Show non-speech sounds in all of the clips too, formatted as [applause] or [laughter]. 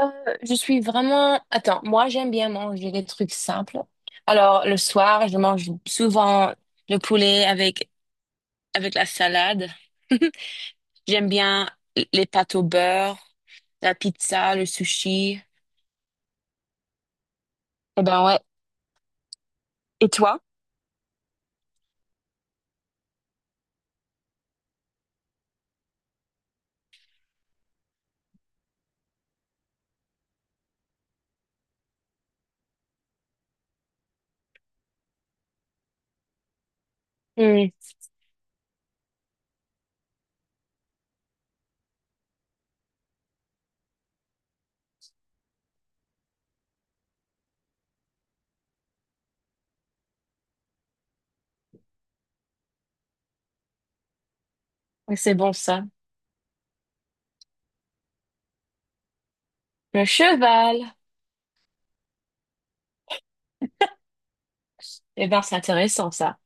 Je suis vraiment... Attends, moi j'aime bien manger des trucs simples. Alors le soir, je mange souvent le poulet avec la salade. [laughs] J'aime bien les pâtes au beurre, la pizza, le sushi. Eh ben ouais. Et toi? Hmm, c'est bon ça. Le cheval. Eh ben c'est intéressant ça.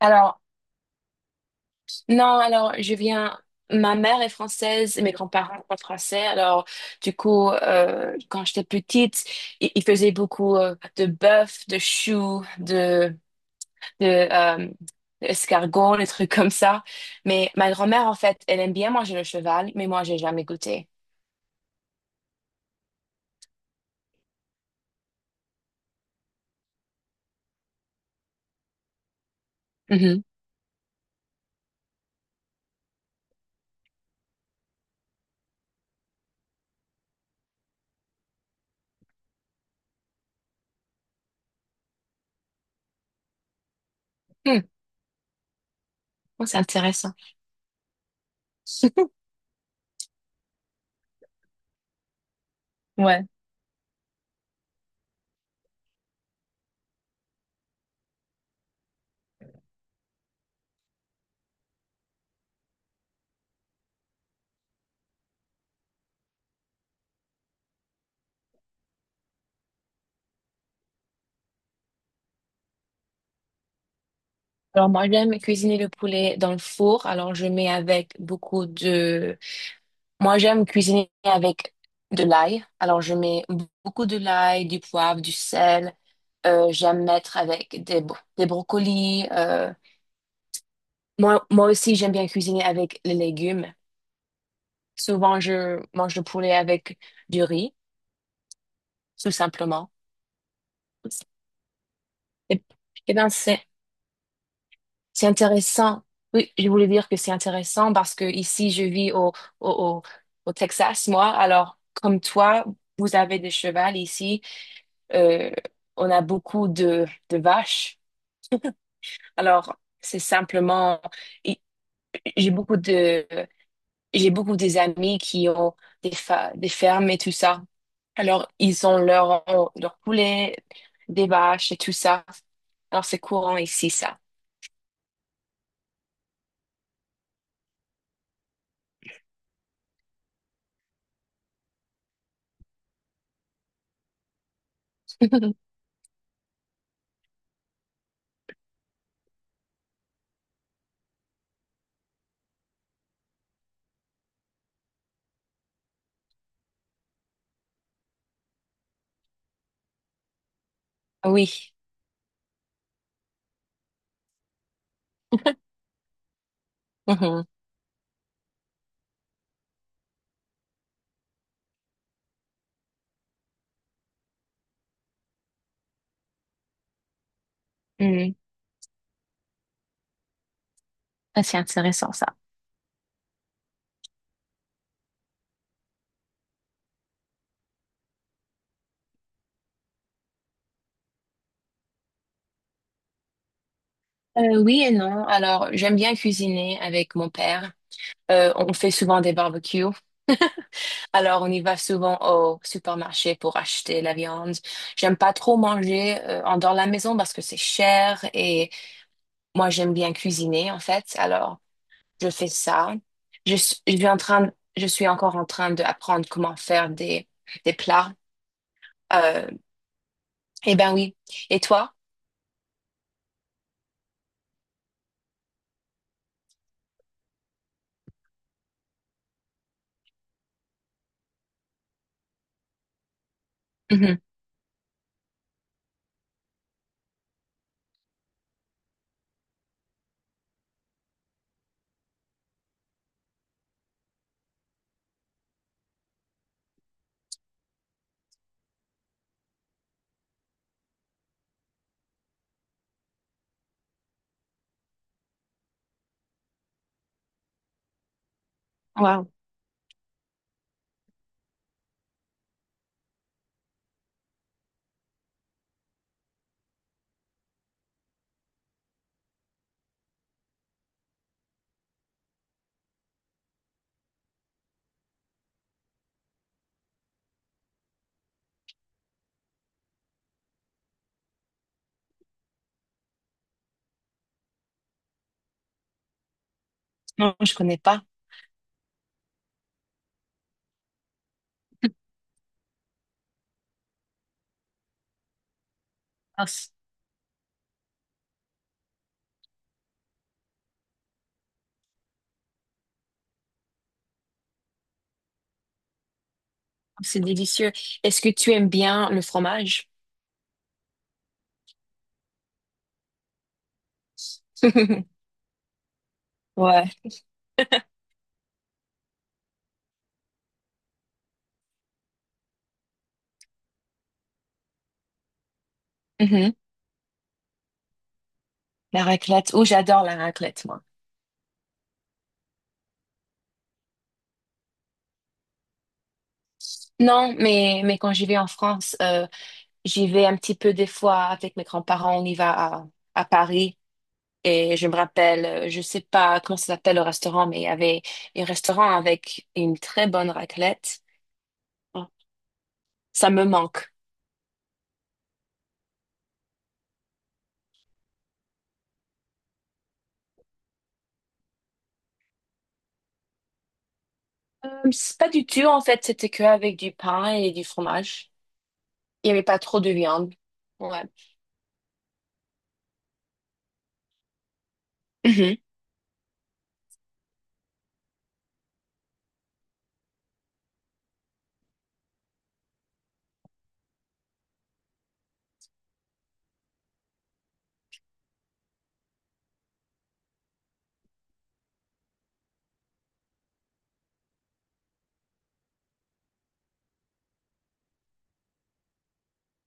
Alors, non, alors je viens. Ma mère est française et mes grands-parents sont français. Alors, du coup, quand j'étais petite, ils faisaient beaucoup de bœuf, de choux, de escargots, des trucs comme ça. Mais ma grand-mère, en fait, elle aime bien manger le cheval, mais moi, j'ai jamais goûté. Mhm. Hmm. Oh, c'est intéressant. [laughs] Ouais. Alors moi, j'aime cuisiner le poulet dans le four. Alors je mets avec beaucoup de... Moi, j'aime cuisiner avec de l'ail. Alors, je mets beaucoup de l'ail, du poivre, du sel. J'aime mettre avec des brocolis. Moi, moi aussi, j'aime bien cuisiner avec les légumes. Souvent, je mange le poulet avec du riz, tout simplement. Et, et ben, c'est intéressant. Oui, je voulais dire que c'est intéressant parce que ici, je vis au, au, au Texas, moi. Alors, comme toi, vous avez des chevals ici. euh, on a beaucoup de vaches. Alors, c'est simplement, i- j'ai beaucoup de, j'ai beaucoup des amis qui ont des fermes et tout ça. Alors, ils leur poulet, des vaches et tout ça. Alors, c'est courant ici, ça. [laughs] Oui. Mhm. Mm. Ah, c'est intéressant, ça. Oui et non. Alors, j'aime bien cuisiner avec mon père. On fait souvent des barbecues. Alors, on y va souvent au supermarché pour acheter la viande. J'aime pas trop manger en dans la maison parce que c'est cher et moi j'aime bien cuisiner en fait. Alors, je fais ça. Je suis en train, je suis encore en train d'apprendre comment faire des plats. Euh, eh ben oui. Et toi? Mhm. Wow. Non, je connais pas. [laughs] Ah, c'est délicieux. Est-ce que tu aimes bien le fromage? [laughs] Ouais. Mhm. La raclette. Oh, j'adore la raclette, moi. Non, mais quand j'y vais en France, j'y vais un petit peu des fois avec mes grands-parents. On y va à, à Paris. Et je me rappelle, je sais pas comment ça s'appelle le restaurant, mais il y avait un restaurant avec une très bonne raclette. Oh, ça me manque. C'est pas du tout, en fait. C'était que avec du pain et du fromage. Il y avait pas trop de viande. Ouais. Mhm.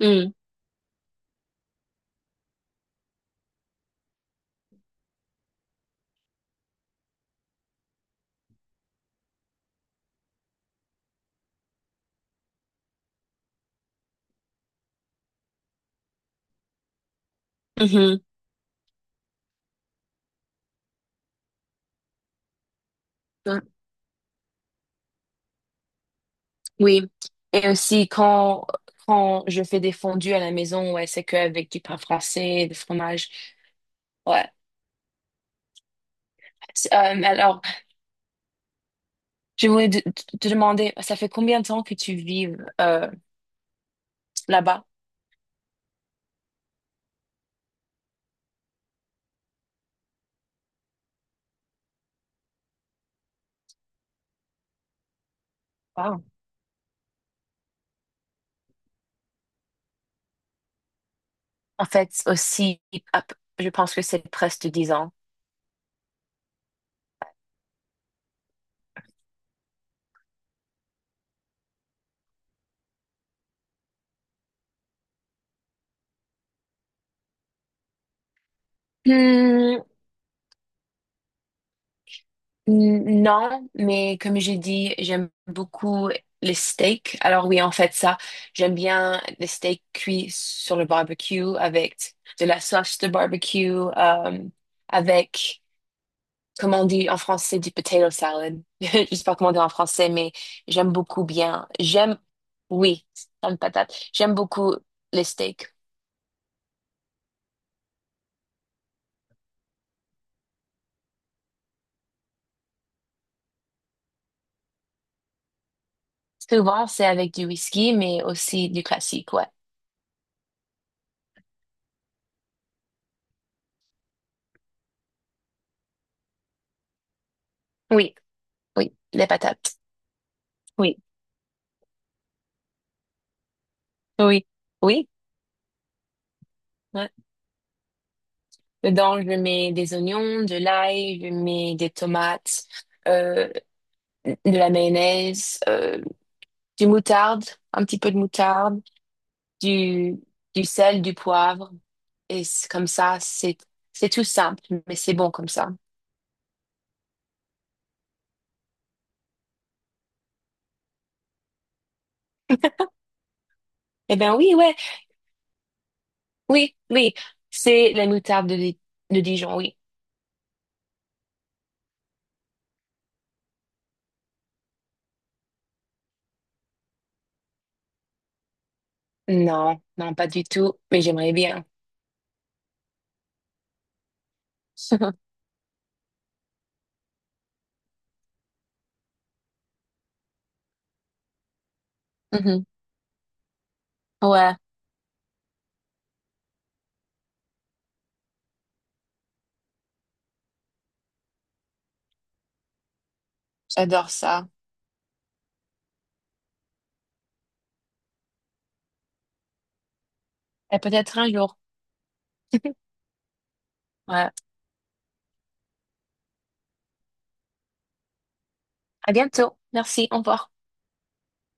Mm. Mhm. Mm. Oui. Et aussi, quand je fais des fondues à la maison, ouais, c'est que avec du pain français, du fromage. Ouais. Alors, je voulais te demander, ça fait combien de temps que tu vis euh, là-bas? Wow. En fait, aussi, à je pense que c'est presque 10 ans. Hmm, non, mais comme j'ai dit, j'aime beaucoup les steaks. Alors oui, en fait, ça, j'aime bien les steaks cuits sur le barbecue avec de la sauce de barbecue, avec... Comment on dit en français du potato salad? [laughs] Je sais pas comment on dit en français, mais j'aime beaucoup bien. J'aime, oui, une patate. J'aime beaucoup les steaks. Souvent, c'est avec du whisky, mais aussi du classique, ouais. Oui, oui, les patates. Oui, oui, oui. Ouais. Dedans, je mets des oignons, de l'ail, je mets des tomates, euh, de la mayonnaise, du moutarde, un petit peu de moutarde. du, du sel, du poivre. Et c'est comme ça, c'est tout simple, mais c'est bon comme ça. Eh ben oui, ouais, oui, oui. C'est la moutarde de Dijon, oui. Non, non, pas du tout, mais j'aimerais bien. [laughs] Mhm. Ouais, j'adore ça. Et peut-être un jour. Ouais. À bientôt. Merci, au revoir.